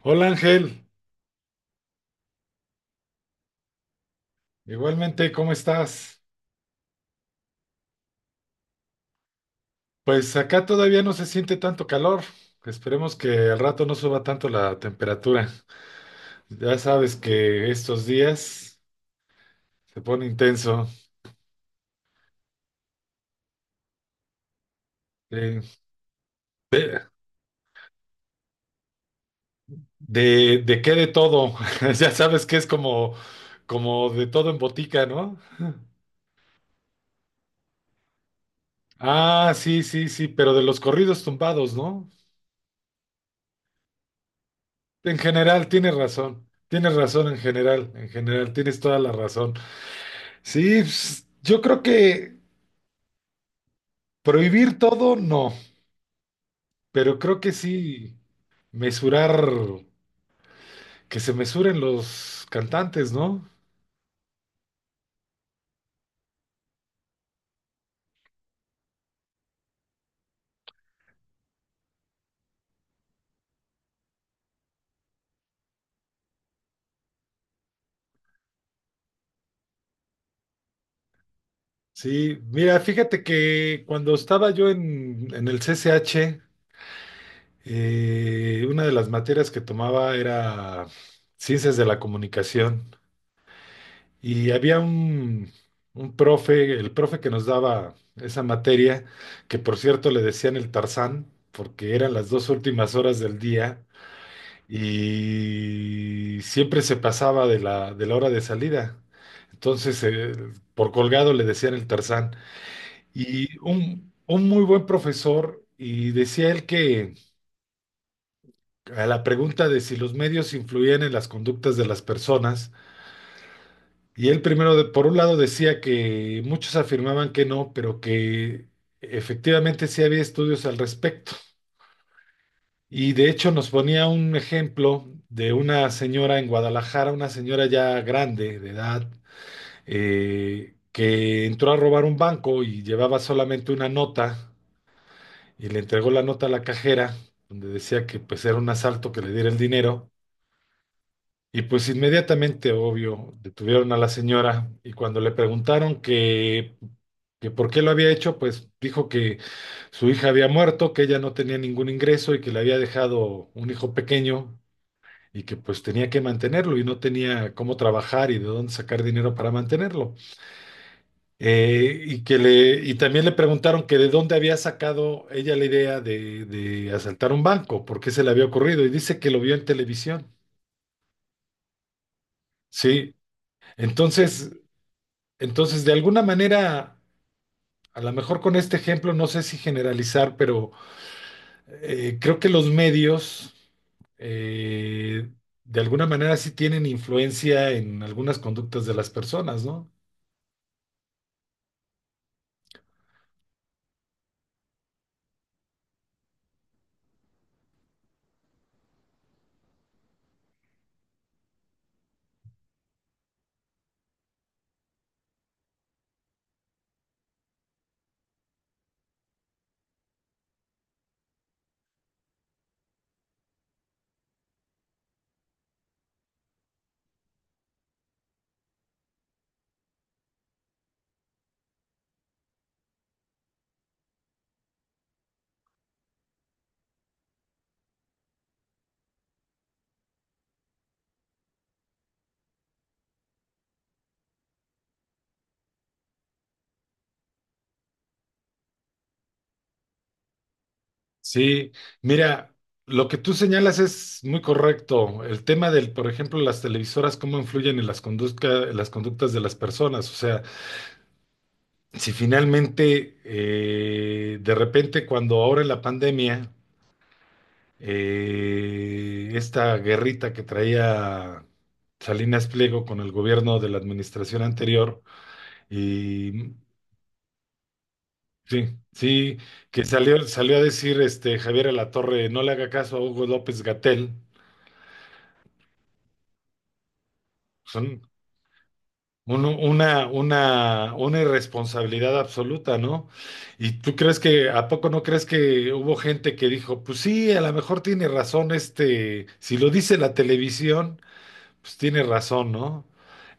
Hola Ángel, igualmente, ¿cómo estás? Pues acá todavía no se siente tanto calor. Esperemos que al rato no suba tanto la temperatura. Ya sabes que estos días se pone intenso. Eh, de qué de todo. Ya sabes que es como de todo en botica, ¿no? Ah, sí, sí, sí, pero de los corridos tumbados, ¿no? En general, tienes razón. Tienes razón en general, tienes toda la razón. Sí, pues, yo creo que prohibir todo, no, pero creo que sí mesurar, que se mesuren los cantantes, ¿no? Sí, mira, fíjate que cuando estaba yo en el CCH, una de las materias que tomaba era ciencias de la comunicación y había un profe, el profe que nos daba esa materia, que por cierto le decían el Tarzán, porque eran las dos últimas horas del día y siempre se pasaba de de la hora de salida. Entonces, por colgado le decían el Tarzán. Y un muy buen profesor, y decía él que a la pregunta de si los medios influían en las conductas de las personas, y él primero, por un lado, decía que muchos afirmaban que no, pero que efectivamente sí había estudios al respecto. Y de hecho nos ponía un ejemplo de una señora en Guadalajara, una señora ya grande de edad, que entró a robar un banco y llevaba solamente una nota y le entregó la nota a la cajera, donde decía que pues era un asalto que le diera el dinero. Y pues inmediatamente, obvio, detuvieron a la señora y cuando le preguntaron que por qué lo había hecho, pues dijo que su hija había muerto, que ella no tenía ningún ingreso y que le había dejado un hijo pequeño y que pues tenía que mantenerlo y no tenía cómo trabajar y de dónde sacar dinero para mantenerlo. Y que le, y también le preguntaron que de dónde había sacado ella la idea de asaltar un banco, por qué se le había ocurrido, y dice que lo vio en televisión. Sí, entonces, entonces de alguna manera, a lo mejor con este ejemplo, no sé si generalizar, pero creo que los medios eh, de alguna manera sí tienen influencia en algunas conductas de las personas, ¿no? Sí, mira, lo que tú señalas es muy correcto. El tema del, por ejemplo, las televisoras, cómo influyen en las en las conductas de las personas. O sea, si finalmente, de repente, cuando ahora en la pandemia, esta guerrita que traía Salinas Pliego con el gobierno de la administración anterior, y sí, sí, que salió, salió a decir este Javier Alatorre, no le haga caso a Hugo López Gatel. Una una irresponsabilidad absoluta, ¿no? ¿Y tú crees que, a poco no crees que hubo gente que dijo, pues sí, a lo mejor tiene razón este, si lo dice la televisión, pues tiene razón, ¿no?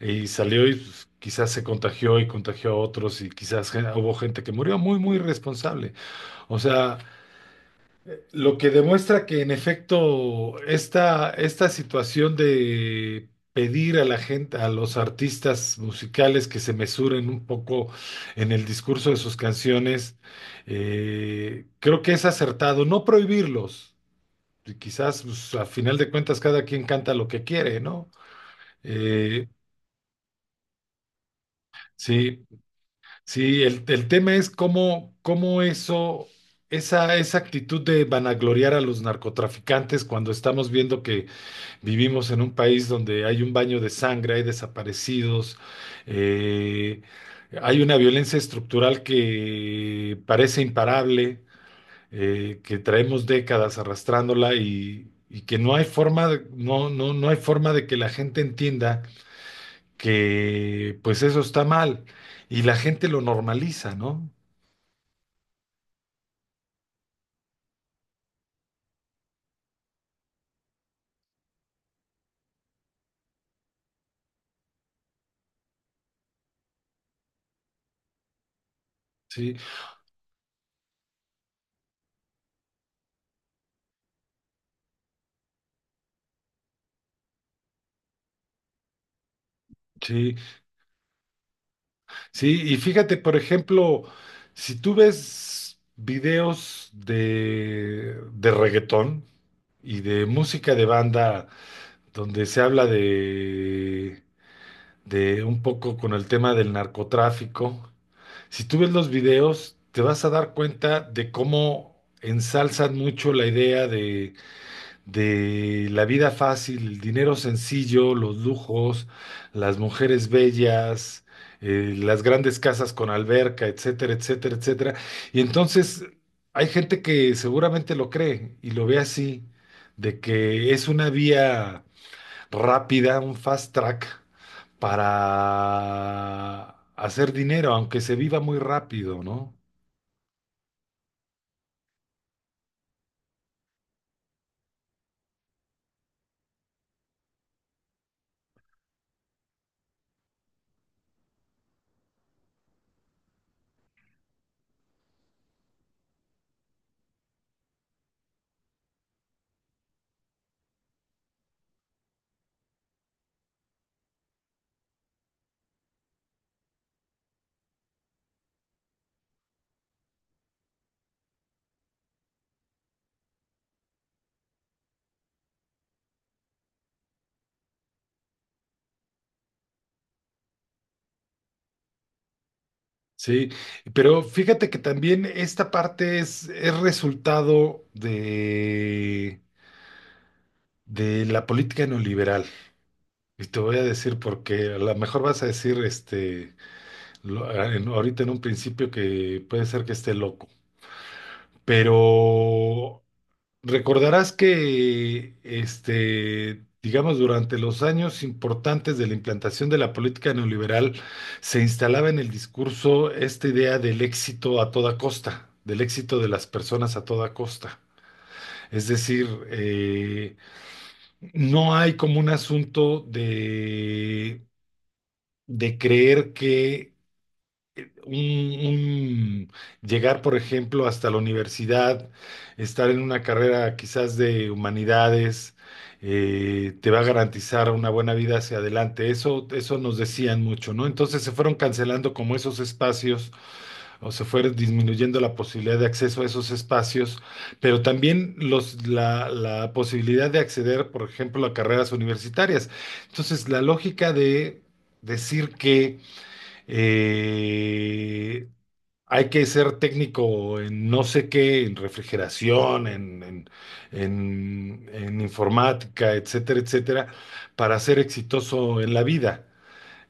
Y salió y pues, quizás se contagió y contagió a otros y quizás hubo gente que murió muy, muy irresponsable. O sea, lo que demuestra que en efecto esta, esta situación de pedir a la gente, a los artistas musicales que se mesuren un poco en el discurso de sus canciones, creo que es acertado. No prohibirlos, y quizás pues, a final de cuentas cada quien canta lo que quiere, ¿no? Eh, sí, sí, el tema es cómo, cómo eso... Esa actitud de vanagloriar a los narcotraficantes cuando estamos viendo que vivimos en un país donde hay un baño de sangre, hay desaparecidos, eh, hay una violencia estructural que parece imparable, que traemos décadas arrastrándola y que no hay forma de, no, no, no hay forma de que la gente entienda que pues eso está mal y la gente lo normaliza, ¿no? Sí, sí. Sí, y fíjate, por ejemplo, si tú ves videos de reggaetón y de música de banda donde se habla de un poco con el tema del narcotráfico, si tú ves los videos, te vas a dar cuenta de cómo ensalzan mucho la idea de la vida fácil, el dinero sencillo, los lujos, las mujeres bellas, las grandes casas con alberca, etcétera, etcétera, etcétera. Y entonces hay gente que seguramente lo cree y lo ve así, de que es una vía rápida, un fast track para hacer dinero, aunque se viva muy rápido, ¿no? Sí, pero fíjate que también esta parte es resultado de la política neoliberal. Y te voy a decir porque a lo mejor vas a decir este ahorita en un principio que puede ser que esté loco, pero recordarás que, este, digamos, durante los años importantes de la implantación de la política neoliberal, se instalaba en el discurso esta idea del éxito a toda costa, del éxito de las personas a toda costa. Es decir, no hay como un asunto de creer que un- un- llegar, por ejemplo, hasta la universidad, estar en una carrera quizás de humanidades, te va a garantizar una buena vida hacia adelante. Eso nos decían mucho, ¿no? Entonces se fueron cancelando como esos espacios o se fue disminuyendo la posibilidad de acceso a esos espacios, pero también los, la posibilidad de acceder, por ejemplo, a carreras universitarias. Entonces, la lógica de decir que eh, hay que ser técnico en no sé qué, en refrigeración, en informática, etcétera, etcétera, para ser exitoso en la vida.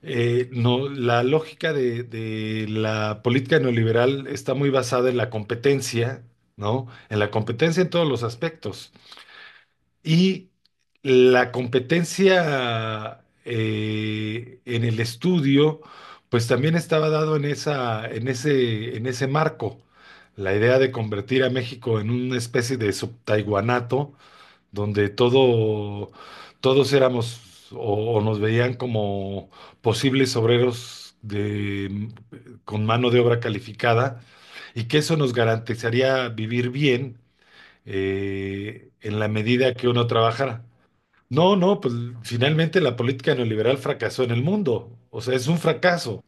No, la lógica de la política neoliberal está muy basada en la competencia, ¿no? En la competencia en todos los aspectos. Y la competencia en el estudio, pues también estaba dado en esa, en ese marco. La idea de convertir a México en una especie de subtaiwanato, donde todo, todos éramos o nos veían como posibles obreros de, con mano de obra calificada, y que eso nos garantizaría vivir bien en la medida que uno trabajara. No, no, pues finalmente la política neoliberal fracasó en el mundo. O sea, es un fracaso.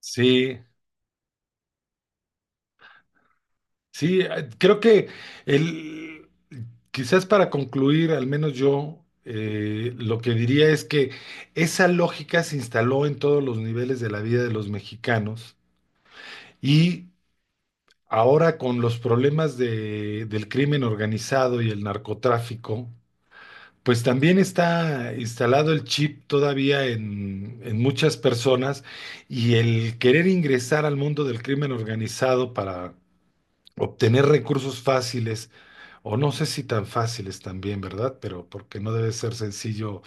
Sí, sí, creo que el, quizás para concluir, al menos yo, lo que diría es que esa lógica se instaló en todos los niveles de la vida de los mexicanos y ahora con los problemas del crimen organizado y el narcotráfico, pues también está instalado el chip todavía en muchas personas y el querer ingresar al mundo del crimen organizado para obtener recursos fáciles, o no sé si tan fáciles también, ¿verdad? Pero porque no debe ser sencillo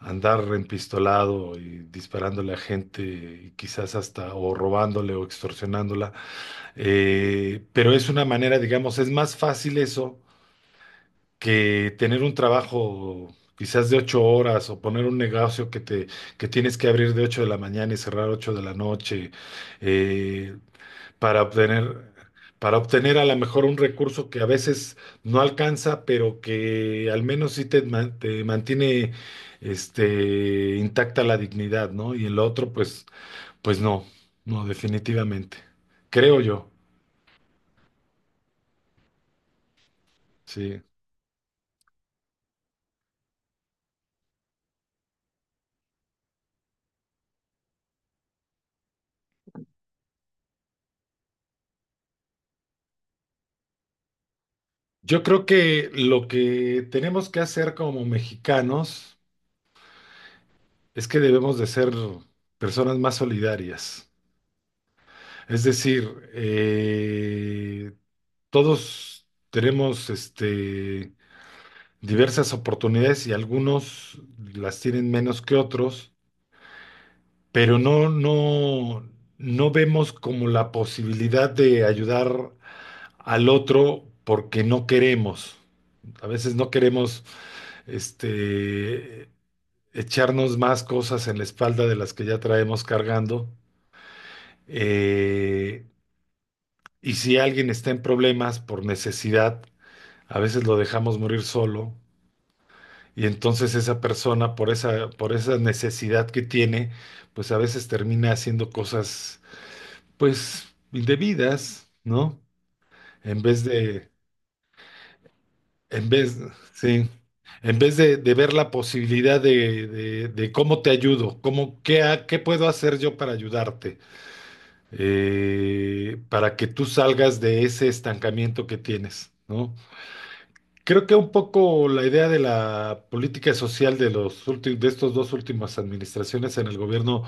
andar empistolado y disparándole a gente y quizás hasta o robándole o extorsionándola. Pero es una manera, digamos, es más fácil eso que tener un trabajo quizás de ocho horas o poner un negocio que tienes que abrir de ocho de la mañana y cerrar ocho de la noche eh, para obtener para obtener a lo mejor un recurso que a veces no alcanza, pero que al menos sí te, te mantiene este, intacta la dignidad, ¿no? Y el otro, pues, pues no, no, definitivamente. Creo yo, sí. Yo creo que lo que tenemos que hacer como mexicanos es que debemos de ser personas más solidarias. Es decir, todos tenemos este, diversas oportunidades y algunos las tienen menos que otros, pero no, no, no vemos como la posibilidad de ayudar al otro porque no queremos. A veces no queremos este, echarnos más cosas en la espalda de las que ya traemos cargando. Eh, y si alguien está en problemas por necesidad, a veces lo dejamos morir solo. Y entonces esa persona, por esa necesidad que tiene, pues a veces termina haciendo cosas, pues, indebidas, ¿no? En vez de, en vez, sí, en vez de ver la posibilidad de, de cómo te ayudo, cómo, qué, qué puedo hacer yo para ayudarte, para que tú salgas de ese estancamiento que tienes, ¿no? Creo que un poco la idea de la política social de los de estos dos últimas administraciones en el gobierno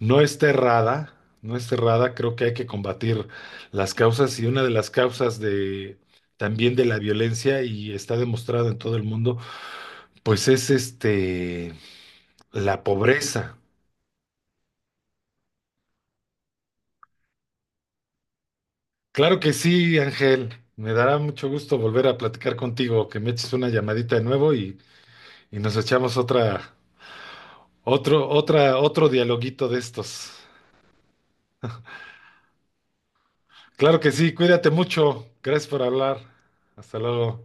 no está errada, no está errada. Creo que hay que combatir las causas y una de las causas de también de la violencia y está demostrada en todo el mundo, pues es este la pobreza. Claro que sí, Ángel. Me dará mucho gusto volver a platicar contigo, que me eches una llamadita de nuevo y nos echamos otra, otro dialoguito de estos. Claro que sí, cuídate mucho. Gracias por hablar. Hasta luego.